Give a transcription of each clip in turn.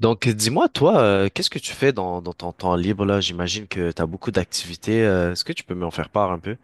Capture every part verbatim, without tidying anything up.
Donc, dis-moi, toi, euh, qu'est-ce que tu fais dans, dans ton temps libre là? J'imagine que tu as beaucoup d'activités. Euh, est-ce que tu peux m'en faire part un peu?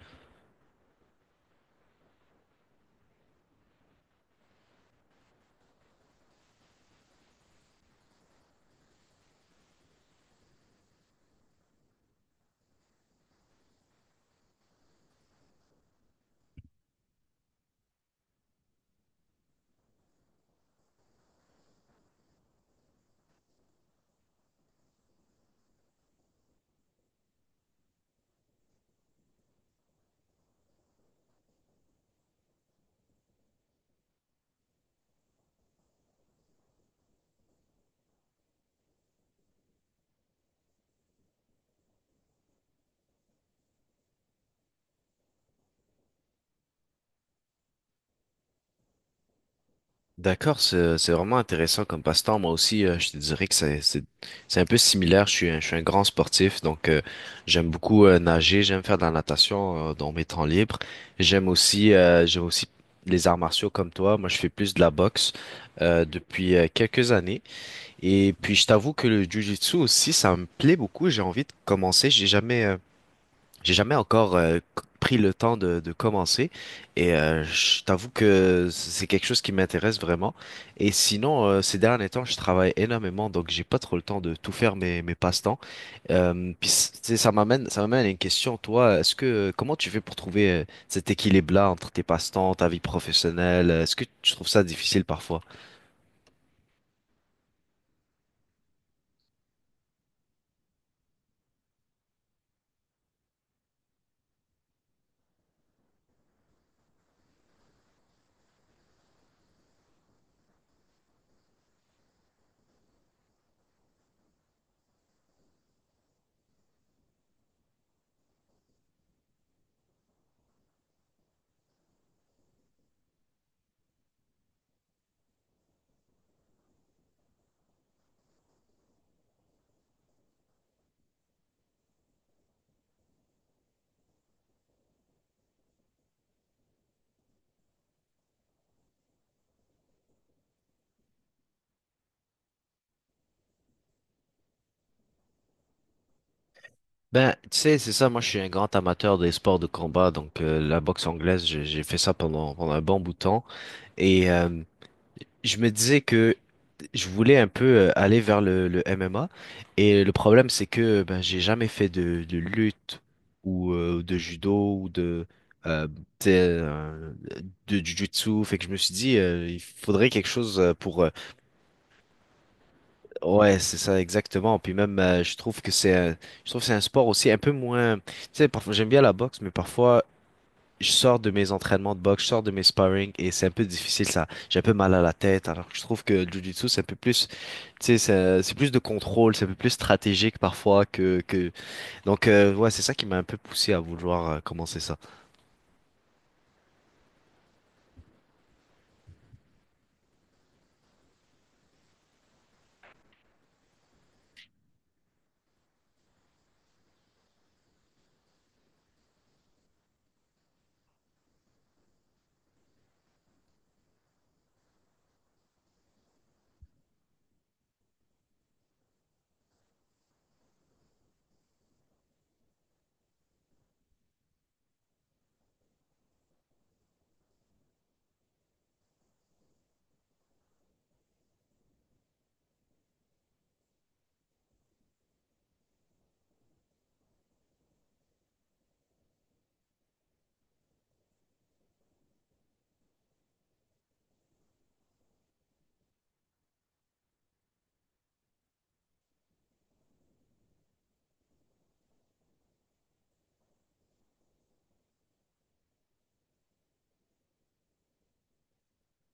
D'accord, c'est, c'est vraiment intéressant comme passe-temps. Moi aussi, euh, je te dirais que c'est, c'est, c'est un peu similaire. Je suis un, je suis un grand sportif, donc euh, j'aime beaucoup euh, nager, j'aime faire de la natation euh, dans mes temps libres. J'aime aussi, euh, j'aime aussi les arts martiaux comme toi. Moi, je fais plus de la boxe euh, depuis euh, quelques années. Et puis, je t'avoue que le jiu-jitsu aussi, ça me plaît beaucoup. J'ai envie de commencer. J'ai jamais... euh, J'ai jamais encore euh, pris le temps de, de commencer et euh, je t'avoue que c'est quelque chose qui m'intéresse vraiment. Et sinon, euh, ces derniers temps, je travaille énormément, donc j'ai pas trop le temps de tout faire mes, mes passe-temps. Euh, puis c- tu sais, ça m'amène, ça m'amène à une question. Toi, est-ce que comment tu fais pour trouver euh, cet équilibre-là entre tes passe-temps, ta vie professionnelle? Est-ce que tu trouves ça difficile parfois? Ben, tu sais, c'est ça, moi je suis un grand amateur des sports de combat, donc euh, la boxe anglaise, j'ai j'ai fait ça pendant, pendant un bon bout de temps. Et euh, je me disais que je voulais un peu euh, aller vers le, le M M A et le problème c'est que ben j'ai jamais fait de, de lutte ou euh, de judo ou de euh, t'sais, euh, de jujutsu fait que je me suis dit euh, il faudrait quelque chose euh, pour euh, ouais c'est ça exactement puis même euh, je trouve que c'est un- je trouve que c'est un sport aussi un peu moins tu sais parfois j'aime bien la boxe mais parfois je sors de mes entraînements de boxe je sors de mes sparring et c'est un peu difficile ça j'ai un peu mal à la tête alors que je trouve que le jujutsu c'est un peu plus. Tu sais, ça- c'est plus de contrôle, c'est un peu plus stratégique parfois que, que... Donc, euh, ouais, c'est ça qui m'a un peu poussé à vouloir euh, commencer ça.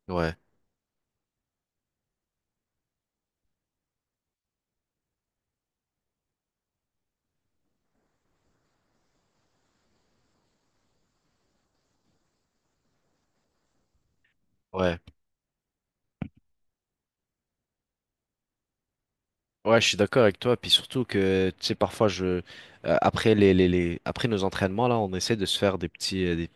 Ouais, ouais, ouais, je suis d'accord avec toi. Puis surtout que, tu sais, parfois, je, euh, après les, les, les, après nos entraînements, là, on essaie de se faire des petits, euh, des,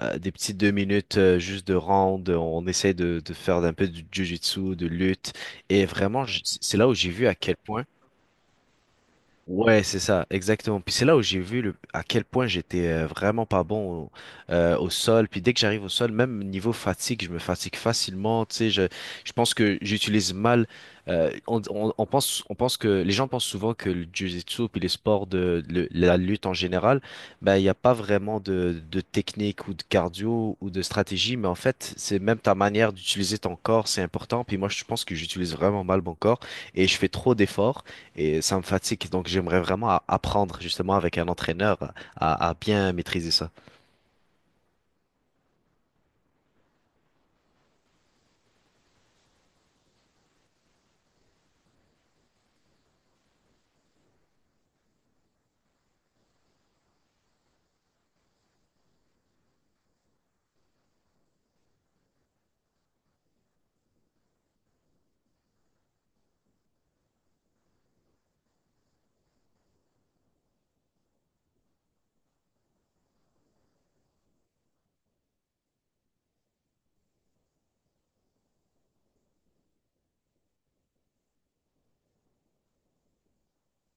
euh, des petits deux minutes euh, juste de round. On essaie de, de faire un peu du jiu-jitsu, de lutte. Et vraiment, je- c'est là où j'ai vu à quel point. Ouais, c'est ça, exactement. Puis c'est là où j'ai vu le, à quel point j'étais euh, vraiment pas bon au, euh, au sol. Puis dès que j'arrive au sol, même niveau fatigue, je me fatigue facilement. Tu sais, je, je pense que j'utilise mal. Euh, on, on, on pense, on pense que les gens pensent souvent que le jiu-jitsu puis les sports de, le- la lutte en général, ben il n'y a pas vraiment de, de technique ou de cardio ou de stratégie. Mais en fait, c'est même ta manière d'utiliser ton corps, c'est important. Puis moi, je pense que j'utilise vraiment mal mon corps et je fais trop d'efforts. Et ça me fatigue, donc j'aimerais vraiment a- apprendre justement avec un entraîneur à, à bien maîtriser ça.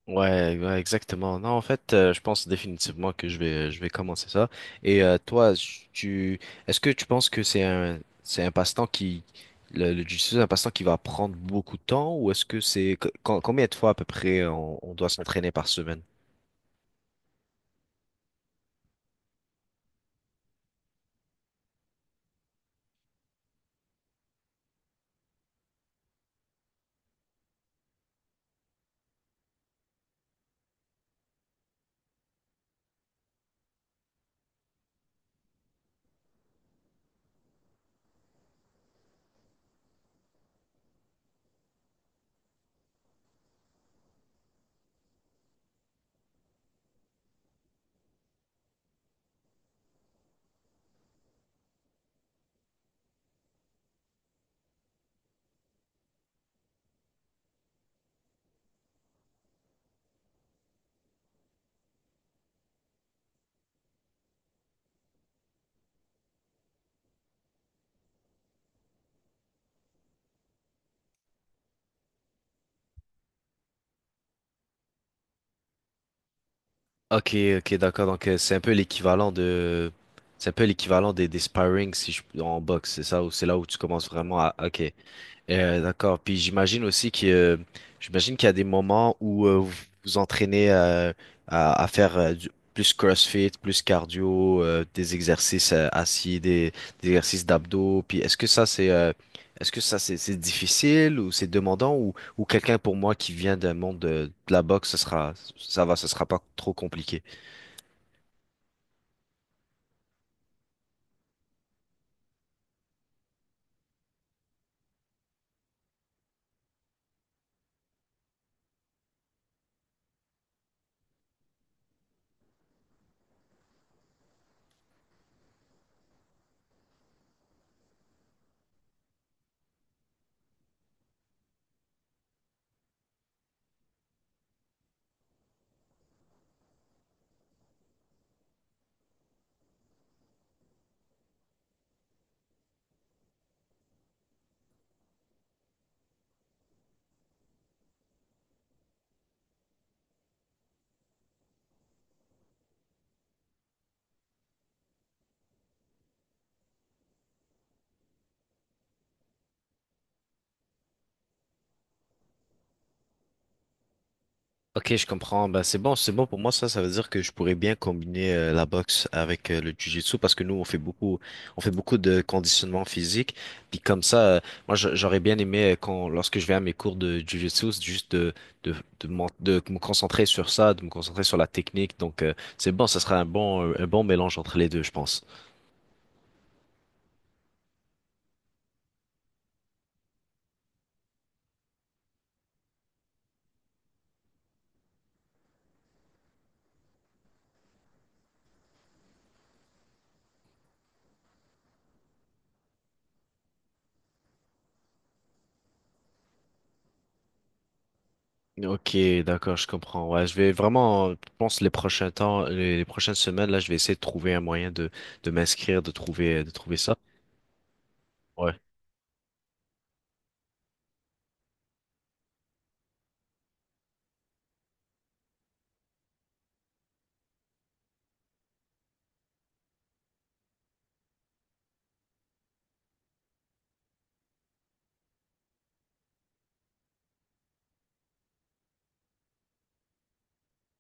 Ouais, ouais, exactement. Non, en fait, euh, je pense définitivement que je vais, je vais commencer ça. Et euh, toi, tu, est-ce que tu penses que c'est un, c'est un passe-temps qui, le, le jiu-jitsu, c'est un passe-temps qui va prendre beaucoup de temps, ou est-ce que c'est, co- com- combien de fois à peu près on, on doit s'entraîner par semaine? Ok, ok, d'accord. Donc euh, c'est un peu l'équivalent de, c'est un peu l'équivalent des, des sparring si je en boxe, c'est ça, ou c'est là où tu commences vraiment à, ok. Euh, d'accord. Puis j'imagine aussi que euh, j'imagine qu'il y a des moments où euh, vous vous entraînez euh, à, à faire euh, du- plus CrossFit, plus cardio, euh, des exercices euh, assis, des, des exercices d'abdos. Puis est-ce que ça c'est euh, est-ce que ça c'est c'est difficile ou c'est demandant ou ou quelqu'un pour moi qui vient d'un monde de, de la boxe, ce sera ça va, ce sera pas trop compliqué. Ok, je comprends. Ben, c'est bon, c'est bon pour moi. Ça, ça veut dire que je pourrais bien combiner euh, la boxe avec euh, le jiu-jitsu parce que nous, on fait beaucoup, on fait beaucoup de conditionnement physique. Puis comme ça, euh, moi, j'a- j'aurais bien aimé euh, quand, lorsque je vais à mes cours de jiu-jitsu, c'est juste de, de, de, m'en- de me concentrer sur ça, de me concentrer sur la technique. Donc, euh, c'est bon. Ça sera un bon, un bon mélange entre les deux, je pense. Ok, d'accord, je comprends. Ouais, je vais vraiment, je pense les prochains temps, les, les prochaines semaines, là, je vais essayer de trouver un moyen de, de m'inscrire, de trouver, de trouver ça. Ouais.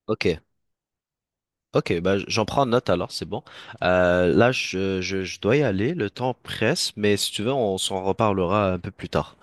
Ok, ok, bah, j'en prends note alors, c'est bon. Euh, là, je, je, je dois y aller, le temps presse, mais si tu veux, on s'en reparlera un peu plus tard.